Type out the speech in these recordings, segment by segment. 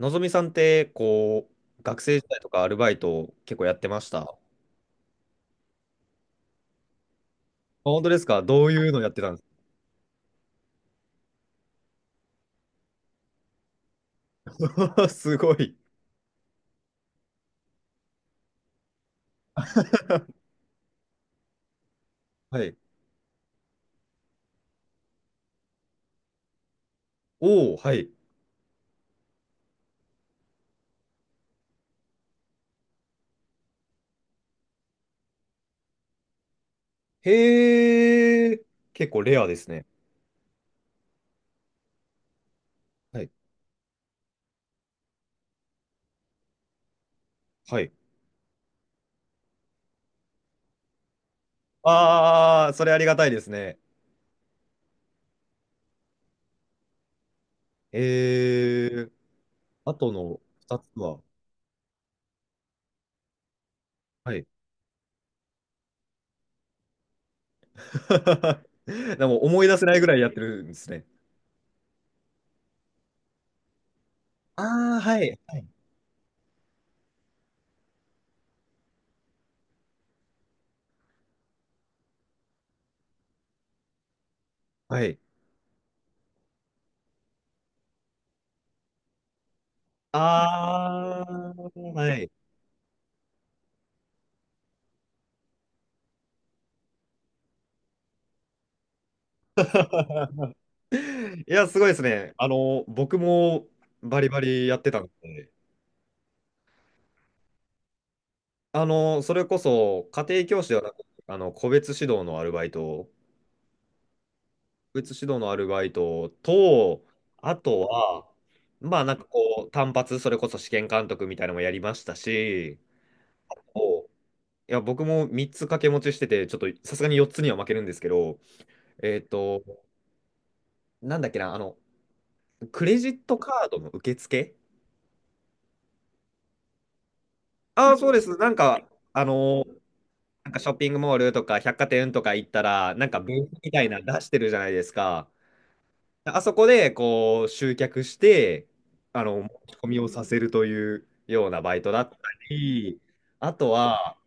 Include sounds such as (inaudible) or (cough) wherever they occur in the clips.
のぞみさんって、学生時代とかアルバイト結構やってました。あ、本当ですか？どういうのやってたんですか？ (laughs) すごい。はい。おお、はい。へえ、結構レアですね。はい。はい。ああ、それありがたいですね。ええ、あとの2つは？はい。(laughs) でも思い出せないぐらいやってるんですね。ああ、はい。はい。ああ、はい。(laughs) いや、すごいですね。あの、僕もバリバリやってたんで、あの、それこそ家庭教師ではなく、あの、個別指導のアルバイト、個別指導のアルバイトと、あとは、まあこう、単発、それこそ試験監督みたいなのもやりましたし、おいや、僕も3つ掛け持ちしてて、ちょっとさすがに4つには負けるんですけど、えっと、なんだっけな、あの、クレジットカードの受付、ああー、そうです。あの、ショッピングモールとか百貨店とか行ったら、なんかブースみたいなの出してるじゃないですか。あそこでこう集客して、あの、持ち込みをさせるというようなバイトだったり、あとは、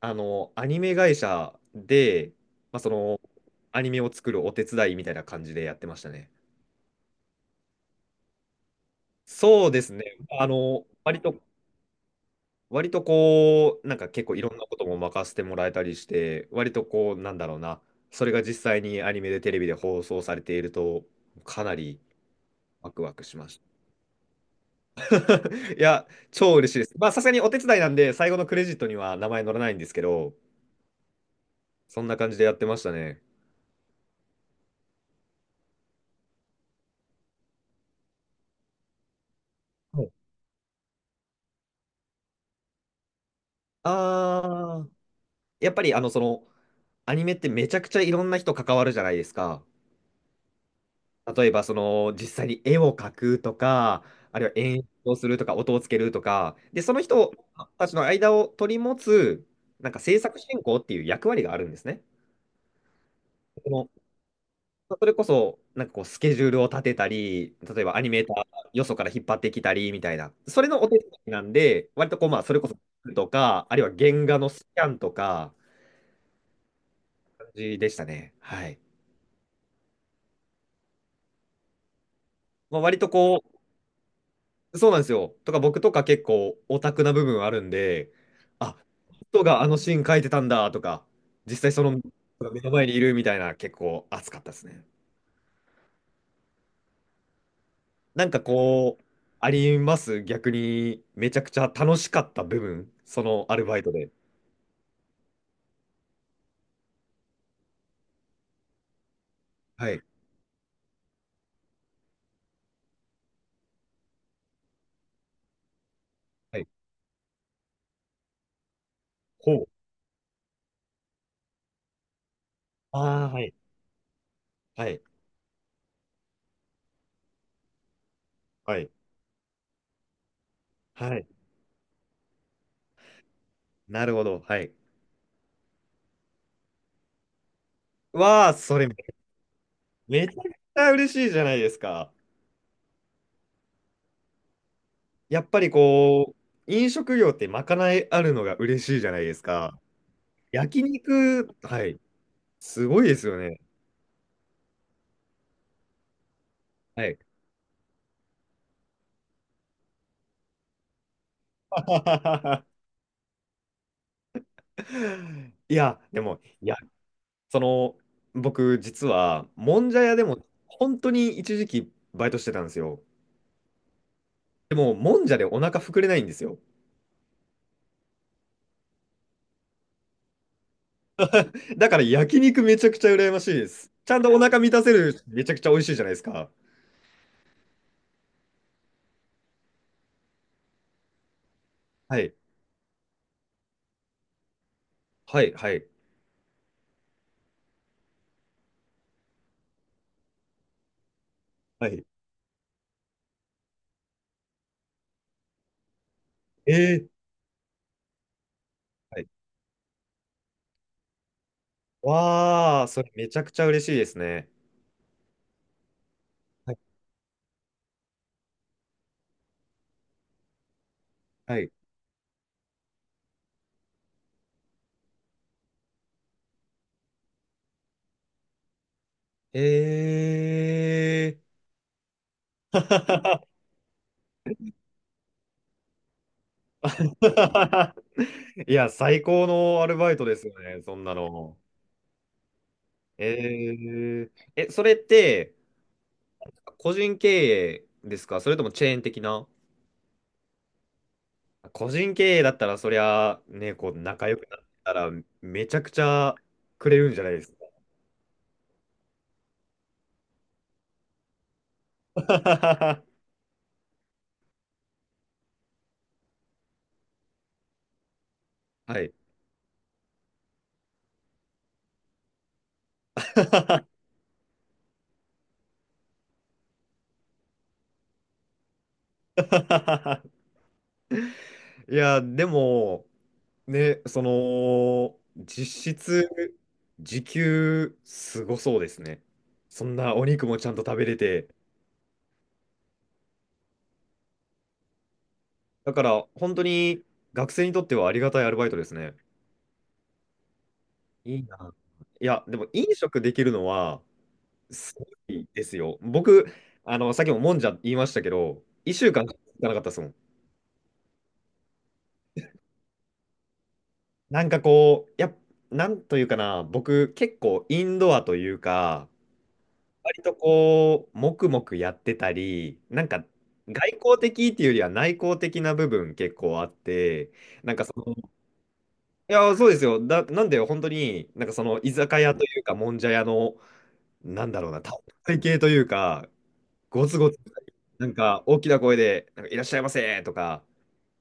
あの、アニメ会社で、まあ、その、アニメを作るお手伝いみたいな感じでやってましたね。そうですね。あの、割とこう、結構いろんなことも任せてもらえたりして、割とこう、なんだろうな、それが実際にアニメでテレビで放送されていると、かなりワクワクしました。(laughs) いや、超嬉しいです。まあ、さすがにお手伝いなんで、最後のクレジットには名前載らないんですけど、そんな感じでやってましたね。はい、あー、やっぱりあの、その、アニメってめちゃくちゃいろんな人関わるじゃないですか。例えば、その、実際に絵を描くとか、あるいは演出をするとか、音をつけるとか、で、その人たちの間を取り持つ、なんか制作進行っていう役割があるんですね。そのそれこそ、こう、スケジュールを立てたり、例えばアニメーターよそから引っ張ってきたりみたいな、それのお手伝いなんで、割とこう、まあ、それこそ、とか、あるいは原画のスキャンとか、感じでしたね。はい。まあ、割とこう、そうなんですよ。とか僕とか結構オタクな部分あるんで、あ、人があのシーン書いてたんだとか、実際その目の前にいるみたいな結構熱かったですね。こう、あります、逆にめちゃくちゃ楽しかった部分、そのアルバイトで。はい。はい。ほう。ああ、はい。はい。はい。はい。なるほど。はい。わあ、それめちゃくちゃ嬉しいじゃないですか。やっぱりこう、飲食業ってまかないあるのが嬉しいじゃないですか。焼肉、はい、すごいですよね。はい。(laughs) いや、でも、いや、その、僕、実は、もんじゃ屋でも、本当に一時期、バイトしてたんですよ。でも、もんじゃでお腹膨れないんですよ。だから、焼肉めちゃくちゃ羨ましいです。ちゃんとお腹満たせる、めちゃくちゃ美味しいじゃないですか。はい、はい、はい、はい。えー、はい。わあ、それめちゃくちゃ嬉しいですね。はい、はい。えー。(laughs) いや、最高のアルバイトですよね、そんなの。えー、え、それって、個人経営ですか？それともチェーン的な？個人経営だったら、そりゃ、ね、こう、仲良くなったら、めちゃくちゃくれるんじゃないですか？ (laughs) はい。(laughs) いや、でも、ね、その、実質、時給、すごそうですね。そんなお肉もちゃんと食べれて、だから、本当に学生にとってはありがたいアルバイトですね。いいな。いや、でも飲食できるのは、すごいですよ。僕、あの、さっきももんじゃ言いましたけど、1週間行かなかったですもん。こう、なんというかな、僕、結構インドアというか、割とこう、黙々やってたり、なんか、外交的っていうよりは内向的な部分結構あって、そのいそうですよ。だ、なんで、本当に、なんかその居酒屋というか、もんじゃ屋の、なんだろうな、体系というか、ゴツゴツ、なんか大きな声で、なんかいらっしゃいませとか、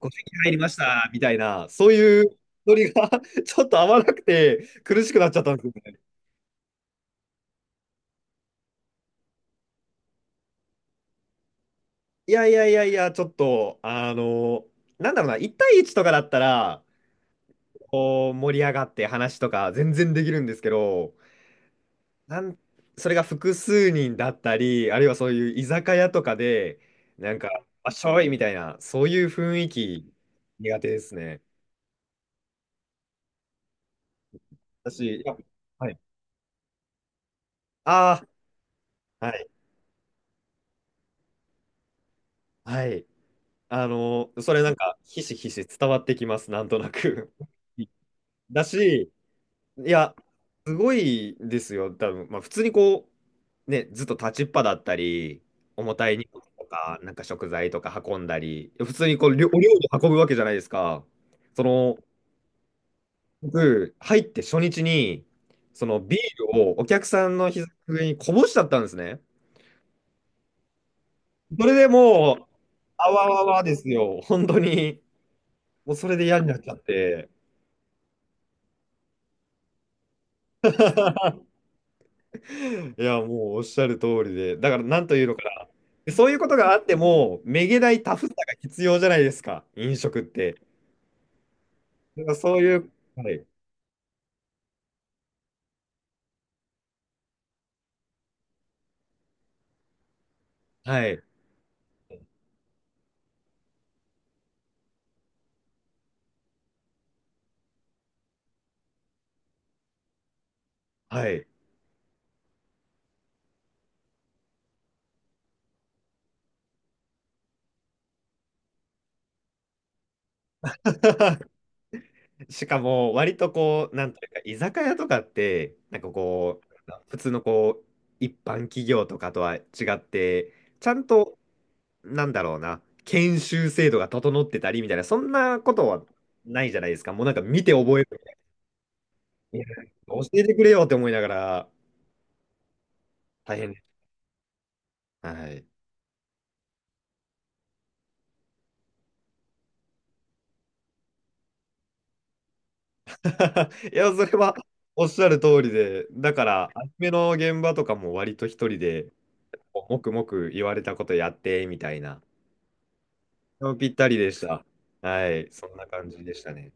ご席入りましたみたいな、そういうノリが (laughs) ちょっと合わなくて、苦しくなっちゃったんですよね。いやいやいやいや、ちょっと、あの、なんだろうな、1対1とかだったら、こう盛り上がって話とか全然できるんですけど、なんそれが複数人だったり、あるいはそういう居酒屋とかで、なんか、あっしょいみたいな、そういう雰囲気苦手ですね。私、いや、はい。ああ、はい。はい。あの、それなんか、ひしひし伝わってきます、なんとなく。(laughs) だし、いや、すごいですよ、多分。まあ、普通にこう、ね、ずっと立ちっぱだったり、重たい荷物とか、なんか食材とか運んだり、普通にこう、りょお料理運ぶわけじゃないですか。その、僕、入って初日に、そのビールをお客さんの膝の上にこぼしちゃったんですね。それでもう、あわわわですよ、本当に。もうそれで嫌になっちゃって。(laughs) いや、もうおっしゃる通りで、だからなんというのかな、そういうことがあっても、めげないタフさが必要じゃないですか、飲食って。だからそういう、はい、はい、はい。(laughs) しかも、割とこう、なんというか、居酒屋とかって、こう、普通のこう、一般企業とかとは違って、ちゃんと、なんだろうな、研修制度が整ってたりみたいな、そんなことはないじゃないですか。もうなんか見て覚える。いや教えてくれよって思いながら、大変。はい。(laughs) いや、それはおっしゃる通りで、だから、アニメの現場とかも割と一人で、もくもく言われたことやって、みたいな、ぴったりでした。はい、そんな感じでしたね。